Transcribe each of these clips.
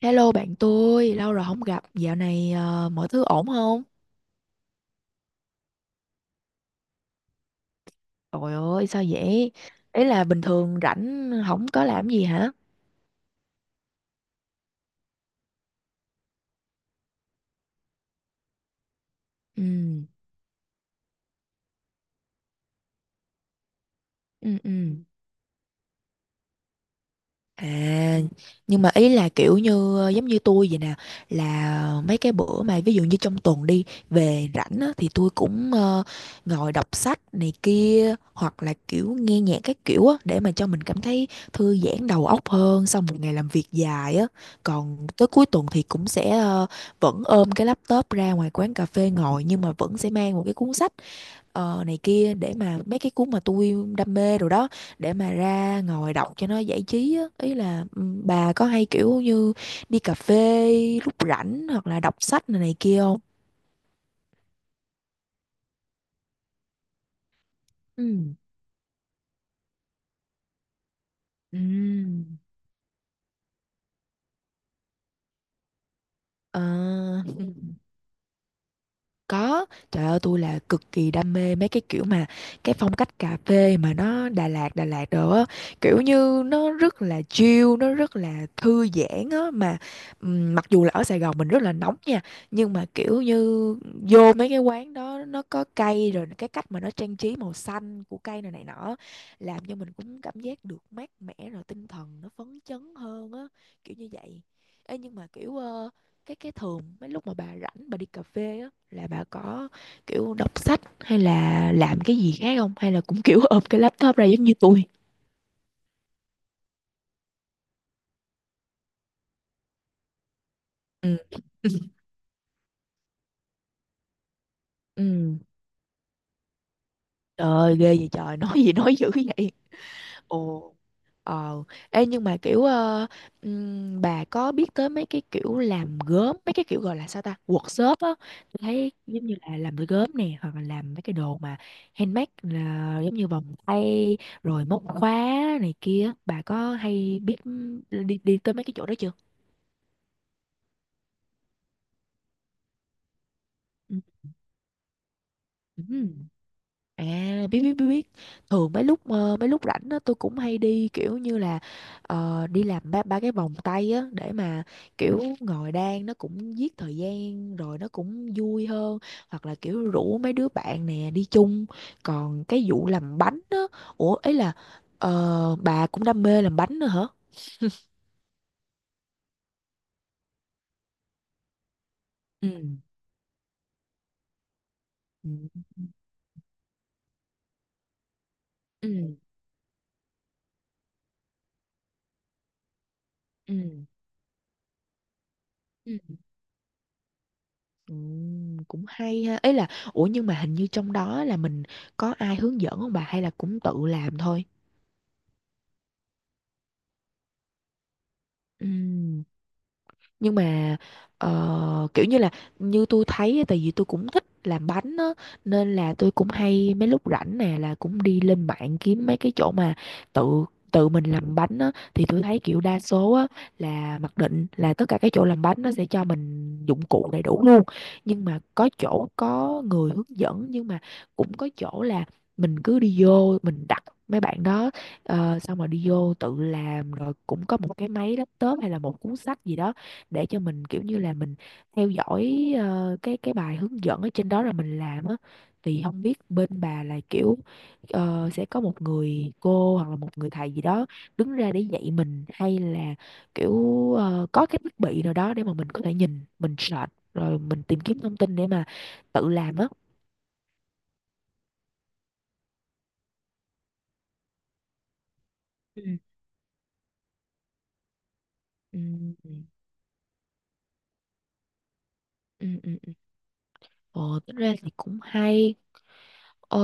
Hello bạn tôi, lâu rồi không gặp, dạo này mọi thứ ổn không? Trời ơi, sao vậy? Ý là bình thường rảnh không có làm gì hả? Ừ, ừ, ừ. À, nhưng mà ý là kiểu như giống như tôi vậy nè, là mấy cái bữa mà ví dụ như trong tuần đi về rảnh á, thì tôi cũng ngồi đọc sách này kia hoặc là kiểu nghe nhạc các kiểu á, để mà cho mình cảm thấy thư giãn đầu óc hơn sau một ngày làm việc dài á. Còn tới cuối tuần thì cũng sẽ vẫn ôm cái laptop ra ngoài quán cà phê ngồi, nhưng mà vẫn sẽ mang một cái cuốn sách này kia, để mà mấy cái cuốn mà tôi đam mê rồi đó, để mà ra ngồi đọc cho nó giải trí á. Ý là bà có hay kiểu như đi cà phê lúc rảnh, hoặc là đọc sách này, này kia không? Ừ. Ừm. Ờ. Có, trời ơi, tôi là cực kỳ đam mê mấy cái kiểu mà cái phong cách cà phê mà nó Đà Lạt Đà Lạt đồ á, kiểu như nó rất là chill, nó rất là thư giãn á. Mà mặc dù là ở Sài Gòn mình rất là nóng nha, nhưng mà kiểu như vô mấy cái quán đó nó có cây, rồi cái cách mà nó trang trí màu xanh của cây này này nọ, làm cho mình cũng cảm giác được mát mẻ, rồi tinh thần nó phấn chấn hơn á, kiểu như vậy. Ê, nhưng mà kiểu cái thường mấy lúc mà bà rảnh bà đi cà phê á, là bà có kiểu đọc sách hay là làm cái gì khác không, hay là cũng kiểu ôm cái laptop ra giống như tôi? Ừ. Ừ, trời ơi, ghê vậy trời. Nói gì nói dữ vậy. Ồ. Ờ, ê nhưng mà kiểu bà có biết tới mấy cái kiểu làm gốm, mấy cái kiểu gọi là sao ta, workshop á? Tôi thấy giống như là làm gốm nè, hoặc là làm mấy cái đồ mà handmade là giống như vòng tay, rồi móc khóa này kia, bà có hay biết đi đi tới mấy cái chỗ đó chưa? Ừ. Ừ. À, biết biết biết biết. Thường mấy lúc rảnh á, tôi cũng hay đi kiểu như là đi làm ba ba cái vòng tay á, để mà kiểu ngồi đan nó cũng giết thời gian rồi nó cũng vui hơn, hoặc là kiểu rủ mấy đứa bạn nè đi chung. Còn cái vụ làm bánh á, ủa ấy là bà cũng đam mê làm bánh nữa hả? Ừ. Ừ. Ừ, ừ, ừ. Cũng hay ha. Ấy là, ủa nhưng mà hình như trong đó là mình có ai hướng dẫn không bà, hay là cũng tự làm thôi? Ừ. Nhưng mà kiểu như là, như tôi thấy á, tại vì tôi cũng thích làm bánh á nên là tôi cũng hay mấy lúc rảnh nè là cũng đi lên mạng kiếm mấy cái chỗ mà tự tự mình làm bánh á. Thì tôi thấy kiểu đa số á là mặc định là tất cả các chỗ làm bánh nó sẽ cho mình dụng cụ đầy đủ luôn, nhưng mà có chỗ có người hướng dẫn, nhưng mà cũng có chỗ là mình cứ đi vô mình đặt mấy bạn đó xong rồi đi vô tự làm, rồi cũng có một cái máy laptop hay là một cuốn sách gì đó để cho mình kiểu như là mình theo dõi cái bài hướng dẫn ở trên đó là mình làm á. Thì không biết bên bà là kiểu sẽ có một người cô hoặc là một người thầy gì đó đứng ra để dạy mình, hay là kiểu có cái thiết bị nào đó để mà mình có thể nhìn mình search rồi mình tìm kiếm thông tin để mà tự làm á. Ừ, ừ, ừ, ừ. Ồ, tính ra thì cũng hay. Ờ,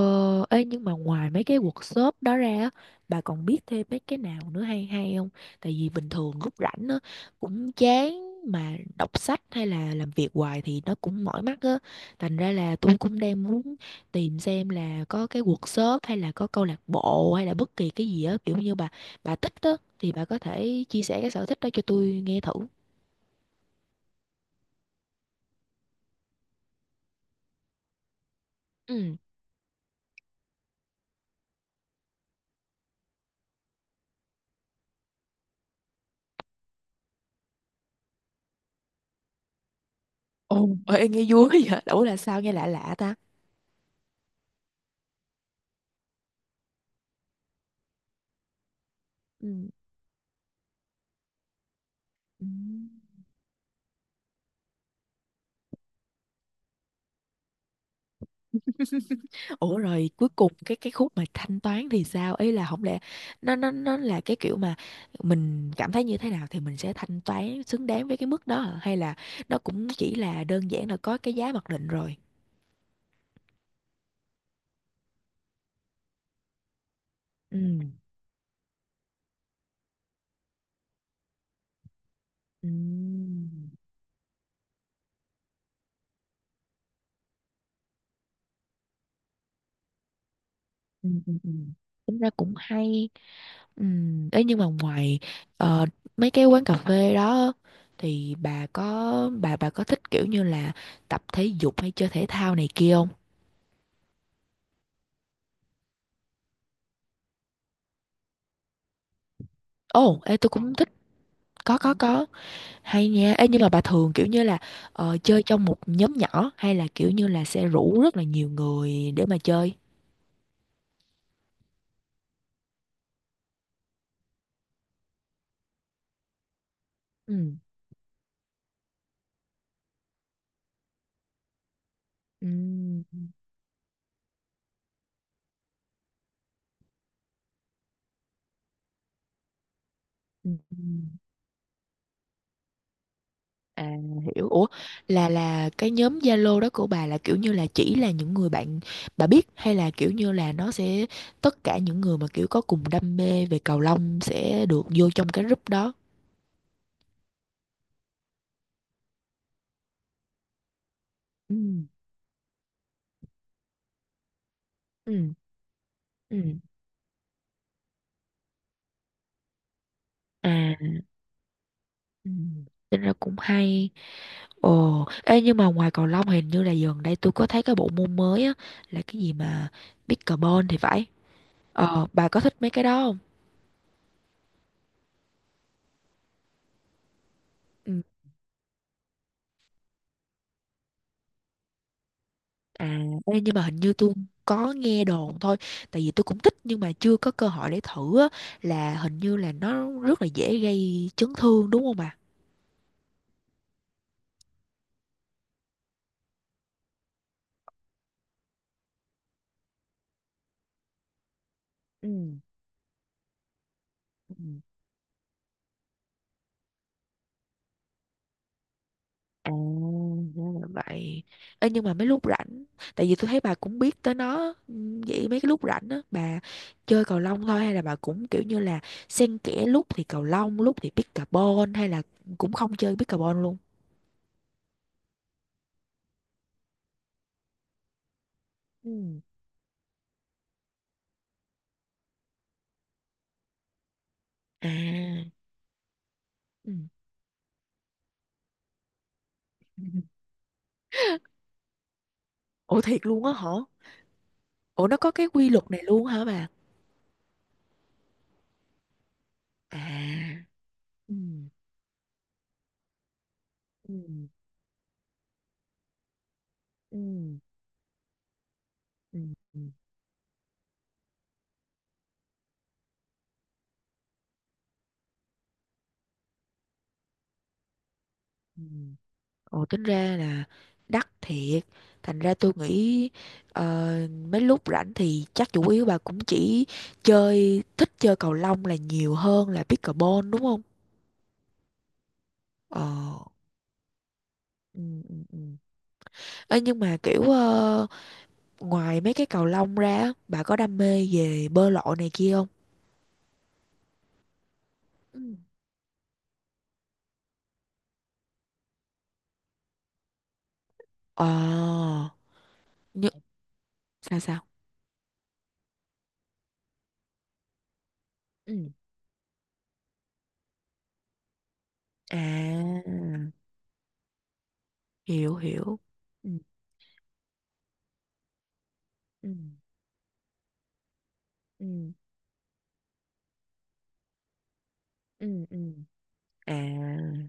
ê, nhưng mà ngoài mấy cái workshop đó ra á, bà còn biết thêm mấy cái nào nữa hay hay không? Tại vì bình thường lúc rảnh á, cũng chán mà đọc sách hay là làm việc hoài thì nó cũng mỏi mắt á. Thành ra là tôi cũng đang muốn tìm xem là có cái workshop hay là có câu lạc bộ hay là bất kỳ cái gì á, kiểu như bà thích á thì bà có thể chia sẻ cái sở thích đó cho tôi nghe thử. Ừ. Ồ, ê, nghe vui vậy. Ủa là sao nghe lạ lạ ta? Ừ. Ủa rồi cuối cùng cái khúc mà thanh toán thì sao? Ý là không lẽ nó là cái kiểu mà mình cảm thấy như thế nào thì mình sẽ thanh toán xứng đáng với cái mức đó hả? Hay là nó cũng chỉ là đơn giản là có cái giá mặc định rồi. Ừ. Ừ. Ừ. Ừ. Ừ. Tính ra cũng hay. Ừ. Ấy nhưng mà ngoài ờ, mấy cái quán cà phê đó, thì bà có thích kiểu như là tập thể dục hay chơi thể thao này kia không? Ồ, ê tôi cũng thích. Có có. Hay nha. Ê, nhưng mà bà thường kiểu như là chơi trong một nhóm nhỏ, hay là kiểu như là sẽ rủ rất là nhiều người để mà chơi? Ừ. Ừ. Ừ. Ừ. À, hiểu. Ủa là cái nhóm Zalo đó của bà là kiểu như là chỉ là những người bạn bà biết, hay là kiểu như là nó sẽ tất cả những người mà kiểu có cùng đam mê về cầu lông sẽ được vô trong cái group đó? Ừ. Ừ. Ừ. À. Ừ. Tính ra cũng hay. Ồ, ê nhưng mà ngoài cầu lông, hình như là gần đây tôi có thấy cái bộ môn mới á, là cái gì mà pickleball thì phải. Ờ, bà có thích mấy cái đó không? Ừ. À, ê, nhưng mà hình như tôi có nghe đồn thôi, tại vì tôi cũng thích nhưng mà chưa có cơ hội để thử á, là hình như là nó rất là dễ gây chấn thương đúng không bà? Ừ. Ừ. À, ra là vậy. Ê, nhưng mà mấy lúc rảnh, tại vì tôi thấy bà cũng biết tới nó, vậy mấy cái lúc rảnh á, bà chơi cầu lông thôi hay là bà cũng kiểu như là xen kẽ lúc thì cầu lông, lúc thì pickleball, hay là cũng không chơi pickleball luôn? Ừ. À, ừ. Ủa, thiệt luôn á hả? Ủa nó có cái quy luật này luôn hả bà? À. Ừ. Ừ. Ừ. Ừ. Ừ. Ồ, tính ra là đắt thiệt. Thành ra tôi nghĩ ờ, mấy lúc rảnh thì chắc chủ yếu bà cũng chỉ chơi, thích chơi cầu lông là nhiều hơn là pickleball đúng không? Ờ, ừ, ừ, ừ. Ê, nhưng mà kiểu ngoài mấy cái cầu lông ra á, bà có đam mê về bơi lội này kia không? Ừ. Ờ, nhưng sao sao? Ừ. À, hiểu hiểu. Ừ, ừ, ừ, ừ, ừ. À,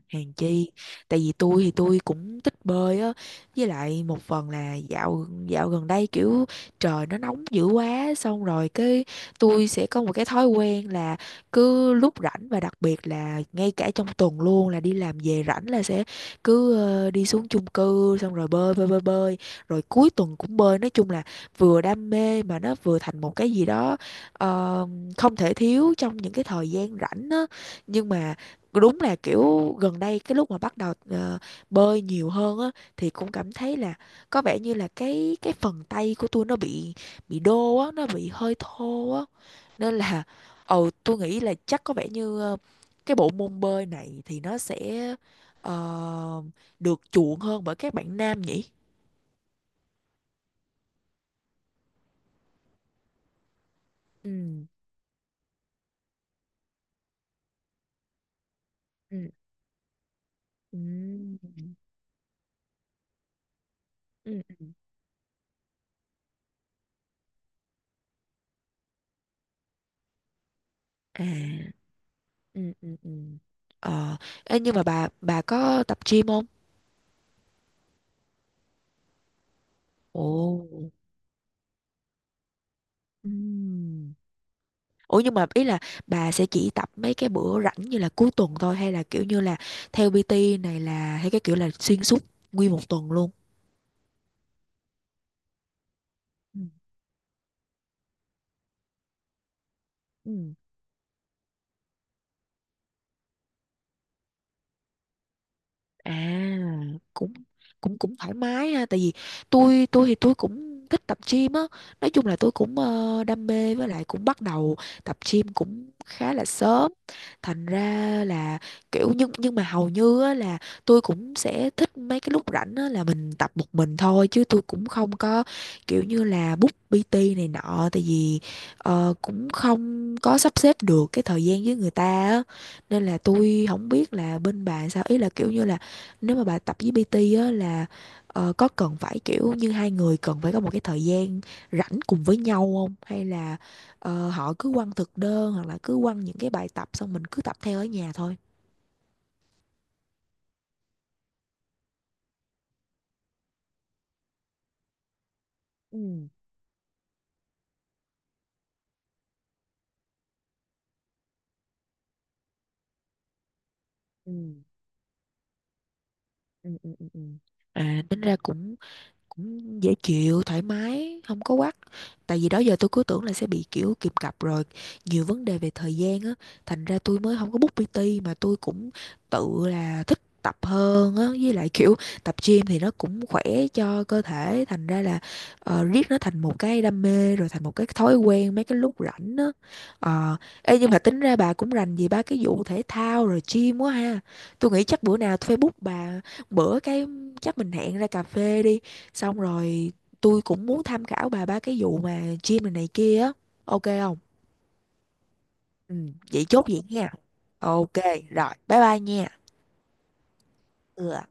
hèn chi. Tại vì tôi thì tôi cũng thích bơi á. Với lại một phần là dạo dạo gần đây kiểu trời nó nóng dữ quá. Xong rồi cái tôi sẽ có một cái thói quen là cứ lúc rảnh và đặc biệt là ngay cả trong tuần luôn, là đi làm về rảnh là sẽ cứ đi xuống chung cư xong rồi bơi bơi bơi bơi. Rồi cuối tuần cũng bơi. Nói chung là vừa đam mê mà nó vừa thành một cái gì đó ờ, không thể thiếu trong những cái thời gian rảnh á. Nhưng mà đúng là kiểu gần đây cái lúc mà bắt đầu bơi nhiều hơn á, thì cũng cảm thấy là có vẻ như là cái phần tay của tôi nó bị đô á, nó bị hơi thô á, nên là tôi nghĩ là chắc có vẻ như cái bộ môn bơi này thì nó sẽ ờ, được chuộng hơn bởi các bạn nam nhỉ. Ừ, ừ, ừ, ừ, ừ. À, ừ, ừ, ừ. ờ Ê, nhưng mà bà có tập gym không? Ồ. Ừm. Ủa nhưng mà ý là bà sẽ chỉ tập mấy cái bữa rảnh như là cuối tuần thôi, hay là kiểu như là theo PT này, là hay cái kiểu là xuyên suốt nguyên một tuần luôn? Ừ. Ừ. À, cũng cũng cũng thoải mái ha, tại vì tôi thì tôi cũng thích tập gym á, nói chung là tôi cũng đam mê, với lại cũng bắt đầu tập gym cũng khá là sớm, thành ra là kiểu nhưng mà hầu như á, là tôi cũng sẽ thích mấy cái lúc rảnh á, là mình tập một mình thôi chứ tôi cũng không có kiểu như là book PT này nọ, tại vì cũng không có sắp xếp được cái thời gian với người ta á, nên là tôi không biết là bên bà sao, ý là kiểu như là nếu mà bà tập với PT á là có cần phải kiểu như hai người cần phải có một cái thời gian rảnh cùng với nhau không, hay là họ cứ quăng thực đơn hoặc là cứ quăng những cái bài tập xong mình cứ tập theo ở nhà thôi. Ừ, ừ, ừ, ừ, ừ, ừ. À, tính ra cũng cũng dễ chịu thoải mái, không có quắc, tại vì đó giờ tôi cứ tưởng là sẽ bị kiểu kìm cặp rồi nhiều vấn đề về thời gian á, thành ra tôi mới không có book PT, mà tôi cũng tự là thích tập hơn á, với lại kiểu tập gym thì nó cũng khỏe cho cơ thể, thành ra là riết nó thành một cái đam mê rồi thành một cái thói quen mấy cái lúc rảnh á. ờ Ê nhưng mà tính ra bà cũng rành về ba cái vụ thể thao rồi gym quá ha, tôi nghĩ chắc bữa nào tôi phải book bà bữa cái, chắc mình hẹn ra cà phê đi. Xong rồi tôi cũng muốn tham khảo bà ba cái vụ mà gym này, này kia á. Ok không? Ừ, vậy chốt vậy nha. Ok, rồi, bye bye nha. Ừ.